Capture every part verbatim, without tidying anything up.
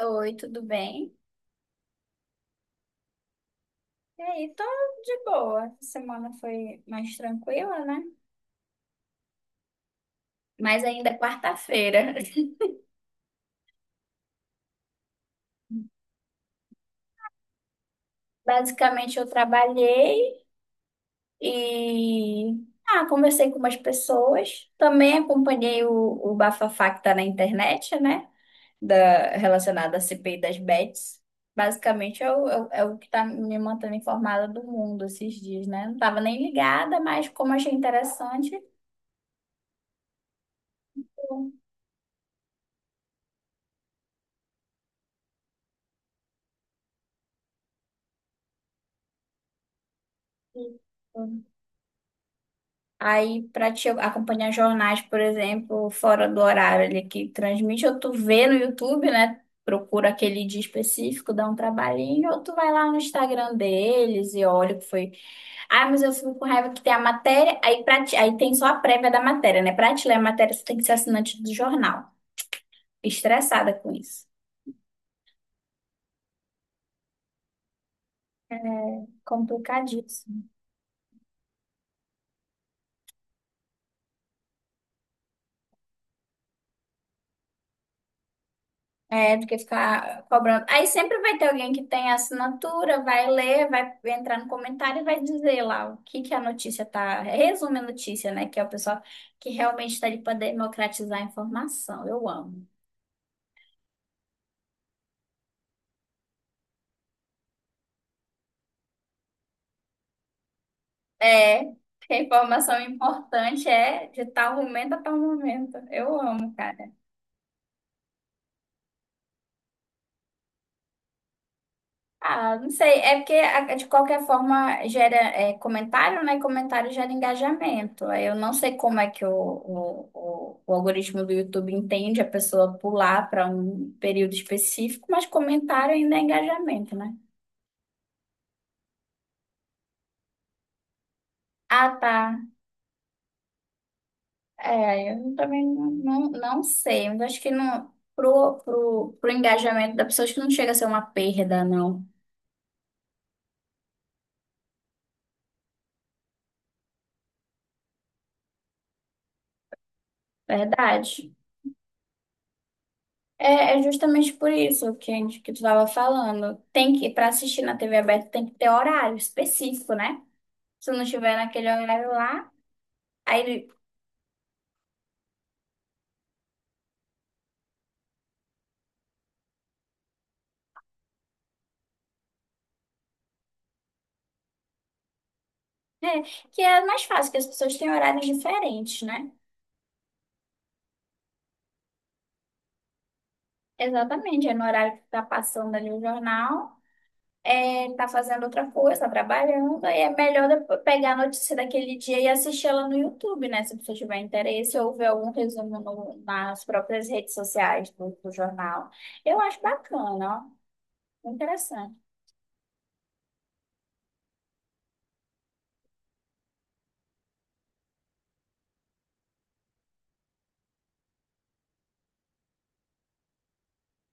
Oi, tudo bem? E aí, tô de boa. Essa semana foi mais tranquila, né? Mas ainda é quarta-feira. Basicamente, eu trabalhei e ah, conversei com umas pessoas. Também acompanhei o, o bafafá que tá na internet, né? Da, relacionado à C P I das Bets. Basicamente, é o, é o é o que tá me mantendo informada do mundo esses dias, né? Não tava nem ligada, mas como achei interessante, eu- aí, para te acompanhar jornais, por exemplo, fora do horário ali que transmite, ou tu vê no YouTube, né? Procura aquele dia específico, dá um trabalhinho, ou tu vai lá no Instagram deles e olha o que foi. Ah, mas eu fico com raiva que tem a matéria, aí, pra ti- aí tem só a prévia da matéria, né? Pra te ler a matéria, você tem que ser assinante do jornal. Estressada com isso. É complicadíssimo. É, do que ficar cobrando. Aí sempre vai ter alguém que tem a assinatura, vai ler, vai entrar no comentário e vai dizer lá o que que a notícia tá. Resume a notícia, né? Que é o pessoal que realmente está ali para democratizar a informação. Eu amo. É, porque a informação importante é de tal momento a tal momento. Eu amo, cara. Ah, não sei, é porque a- de qualquer forma gera é, comentário, né? Comentário gera engajamento. Aí eu não sei como é que o, o, o, o algoritmo do YouTube entende a pessoa pular para um período específico, mas comentário ainda é engajamento, né? Ah, tá. É, eu também não, não, não sei, mas acho que não, pro, pro, pro engajamento da pessoa, acho que não chega a ser uma perda, não. Verdade. É, é justamente por isso que, a gente- que tu estava falando. Tem que, para assistir na T V aberta, tem que ter horário específico, né? Se não tiver naquele horário lá, aí é, que é mais fácil, que as pessoas têm horários diferentes, né? Exatamente, é no horário que tá passando ali o jornal, é, tá fazendo outra coisa, tá trabalhando, aí é melhor depois pegar a notícia daquele dia e assistir ela no YouTube, né? Se você tiver interesse, ou ver algum resumo no- nas próprias redes sociais do do jornal. Eu acho bacana, interessante.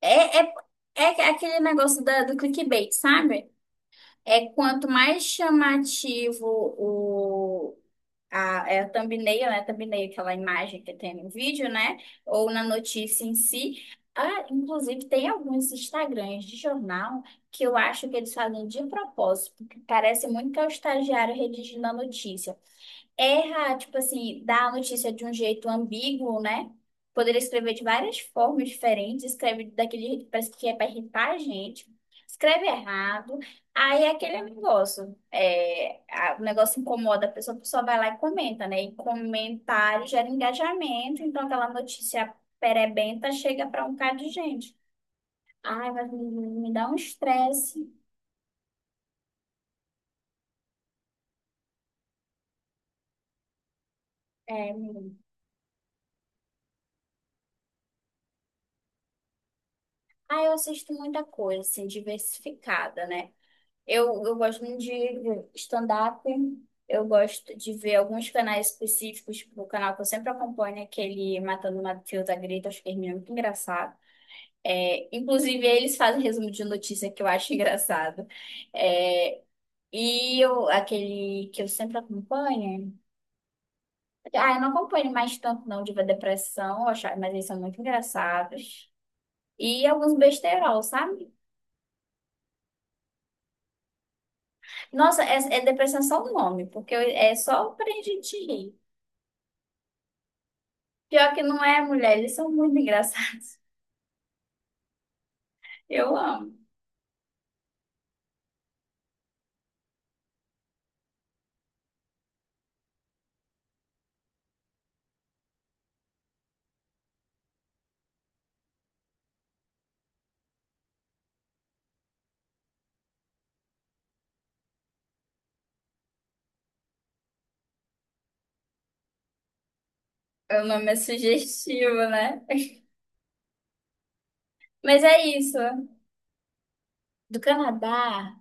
É, é, é aquele negócio da, do clickbait, sabe? É quanto mais chamativo o, a, é a thumbnail, né? Thumbnail, aquela imagem que tem no vídeo, né? Ou na notícia em si. Ah, inclusive, tem alguns Instagrams de jornal que eu acho que eles fazem de propósito, porque parece muito que é o estagiário redigindo a notícia. Erra, tipo assim, dá a notícia de um jeito ambíguo, né? Poderia escrever de várias formas diferentes, escreve daquele jeito que parece que é para irritar a gente, escreve errado, aí é aquele negócio, é, a- o negócio incomoda a pessoa, a pessoa vai lá e comenta, né? E comentário gera engajamento, então aquela notícia perebenta chega para um bocado de gente. Ai, mas me, me dá um estresse. É, ah, eu assisto muita coisa, assim, diversificada, né? Eu, eu gosto muito de stand-up. Eu gosto de ver alguns canais específicos, tipo o canal que eu sempre acompanho, é aquele Matando o Matheus da Greta, acho que ele é muito engraçado. É, inclusive, eles fazem resumo de notícia que eu acho engraçado. É, e eu, aquele que eu sempre acompanho. Ah, eu não acompanho mais tanto, não, de ver depressão, eu acho- mas eles são muito engraçados. E alguns besterol, sabe? Nossa, é, é depressão é só o nome, porque eu- é só pra gente rir. Pior que não é, mulher, eles são muito engraçados. Eu amo. O nome é sugestivo, né? Mas é isso. Do Canadá.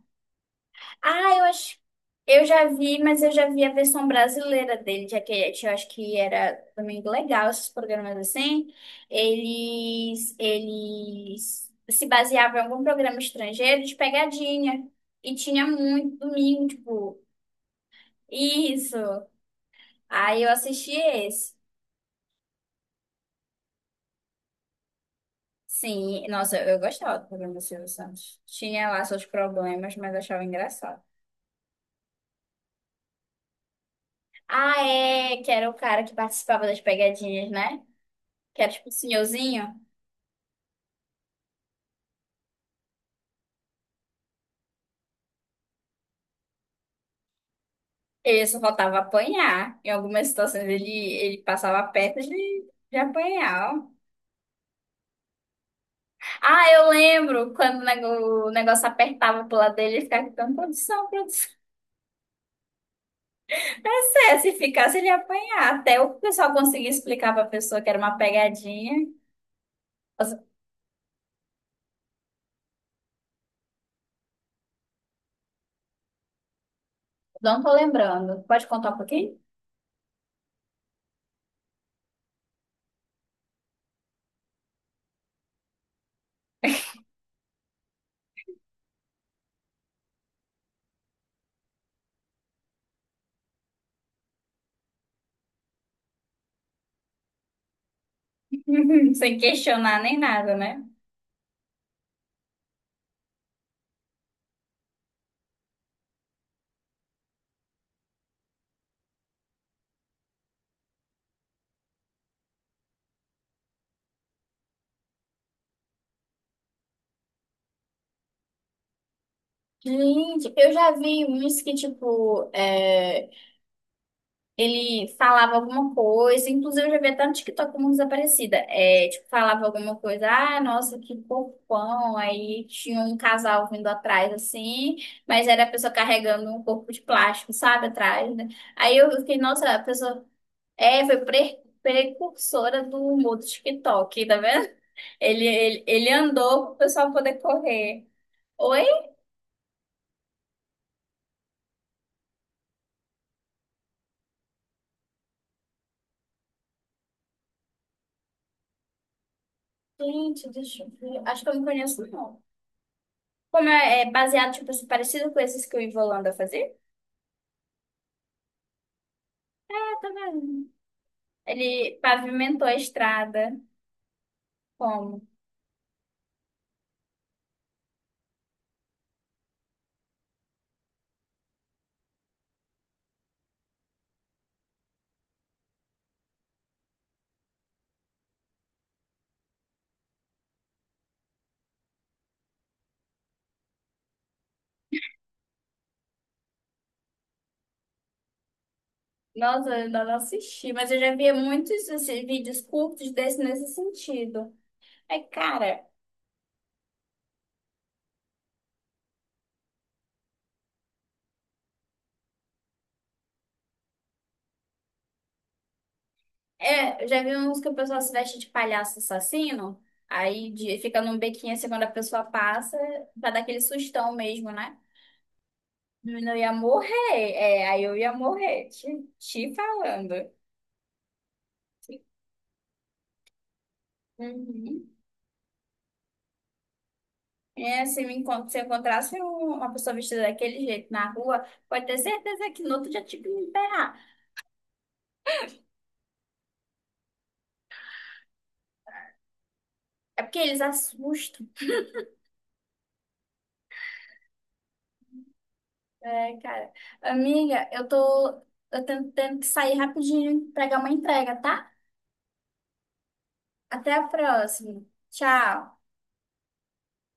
Ah, eu acho. Eu já vi, mas eu já vi a versão brasileira dele, já que eu acho que era também legal esses programas assim. Eles, eles se baseavam em algum programa estrangeiro de pegadinha. E tinha muito domingo, tipo, isso. Aí eu assisti esse. Sim, nossa, eu gostava do programa do Silvio Santos. Tinha lá seus problemas, mas achava engraçado. Ah, é, que era o cara que participava das pegadinhas, né? Que era tipo o senhorzinho. Ele só faltava apanhar. Em algumas situações ele, ele passava perto de, de apanhar, ó. Ah, eu lembro quando o nego- o negócio apertava pro lado dele, ele ficava gritando, produção, produção. É sério, se ficasse, ele ia apanhar. Até o pessoal conseguir explicar pra pessoa que era uma pegadinha. Nossa, não tô lembrando. Pode contar um pouquinho? Sem questionar nem nada, né? Gente, eu já vi uns que, tipo, é, ele falava alguma coisa, inclusive eu já vi até no TikTok uma desaparecida. É, tipo, falava alguma coisa, ah, nossa, que corpão. Aí tinha um casal vindo atrás, assim, mas era a pessoa carregando um corpo de plástico, sabe, atrás, né? Aí eu fiquei, nossa, a pessoa é, foi pre- precursora do humor do TikTok, tá vendo? Ele, ele, ele andou pro pessoal poder correr. Ou gente, deixa eu ver. Acho que eu não conheço, não. Como é, é baseado, tipo assim, parecido com esses que o Ivo Holanda fazia? Ah, tá vendo? Ele pavimentou a estrada. Como? Nossa, eu ainda não assisti, mas eu já vi muitos assim, vídeos curtos desse nesse sentido. É, cara, é, eu já vi uns que o pessoal se veste de palhaço assassino, aí de- fica num bequinho assim quando a pessoa passa, pra dar aquele sustão mesmo, né? Menino, eu ia morrer, é, aí eu ia morrer, te, te falando. Uhum. É, se me encont- se eu encontrasse um- uma pessoa vestida daquele jeito na rua, pode ter certeza que no outro dia tinha que me ferrar. É porque eles assustam. É, cara. Amiga, eu tô, eu tô tendo que sair rapidinho, pegar uma entrega, tá? Até a próxima. Tchau.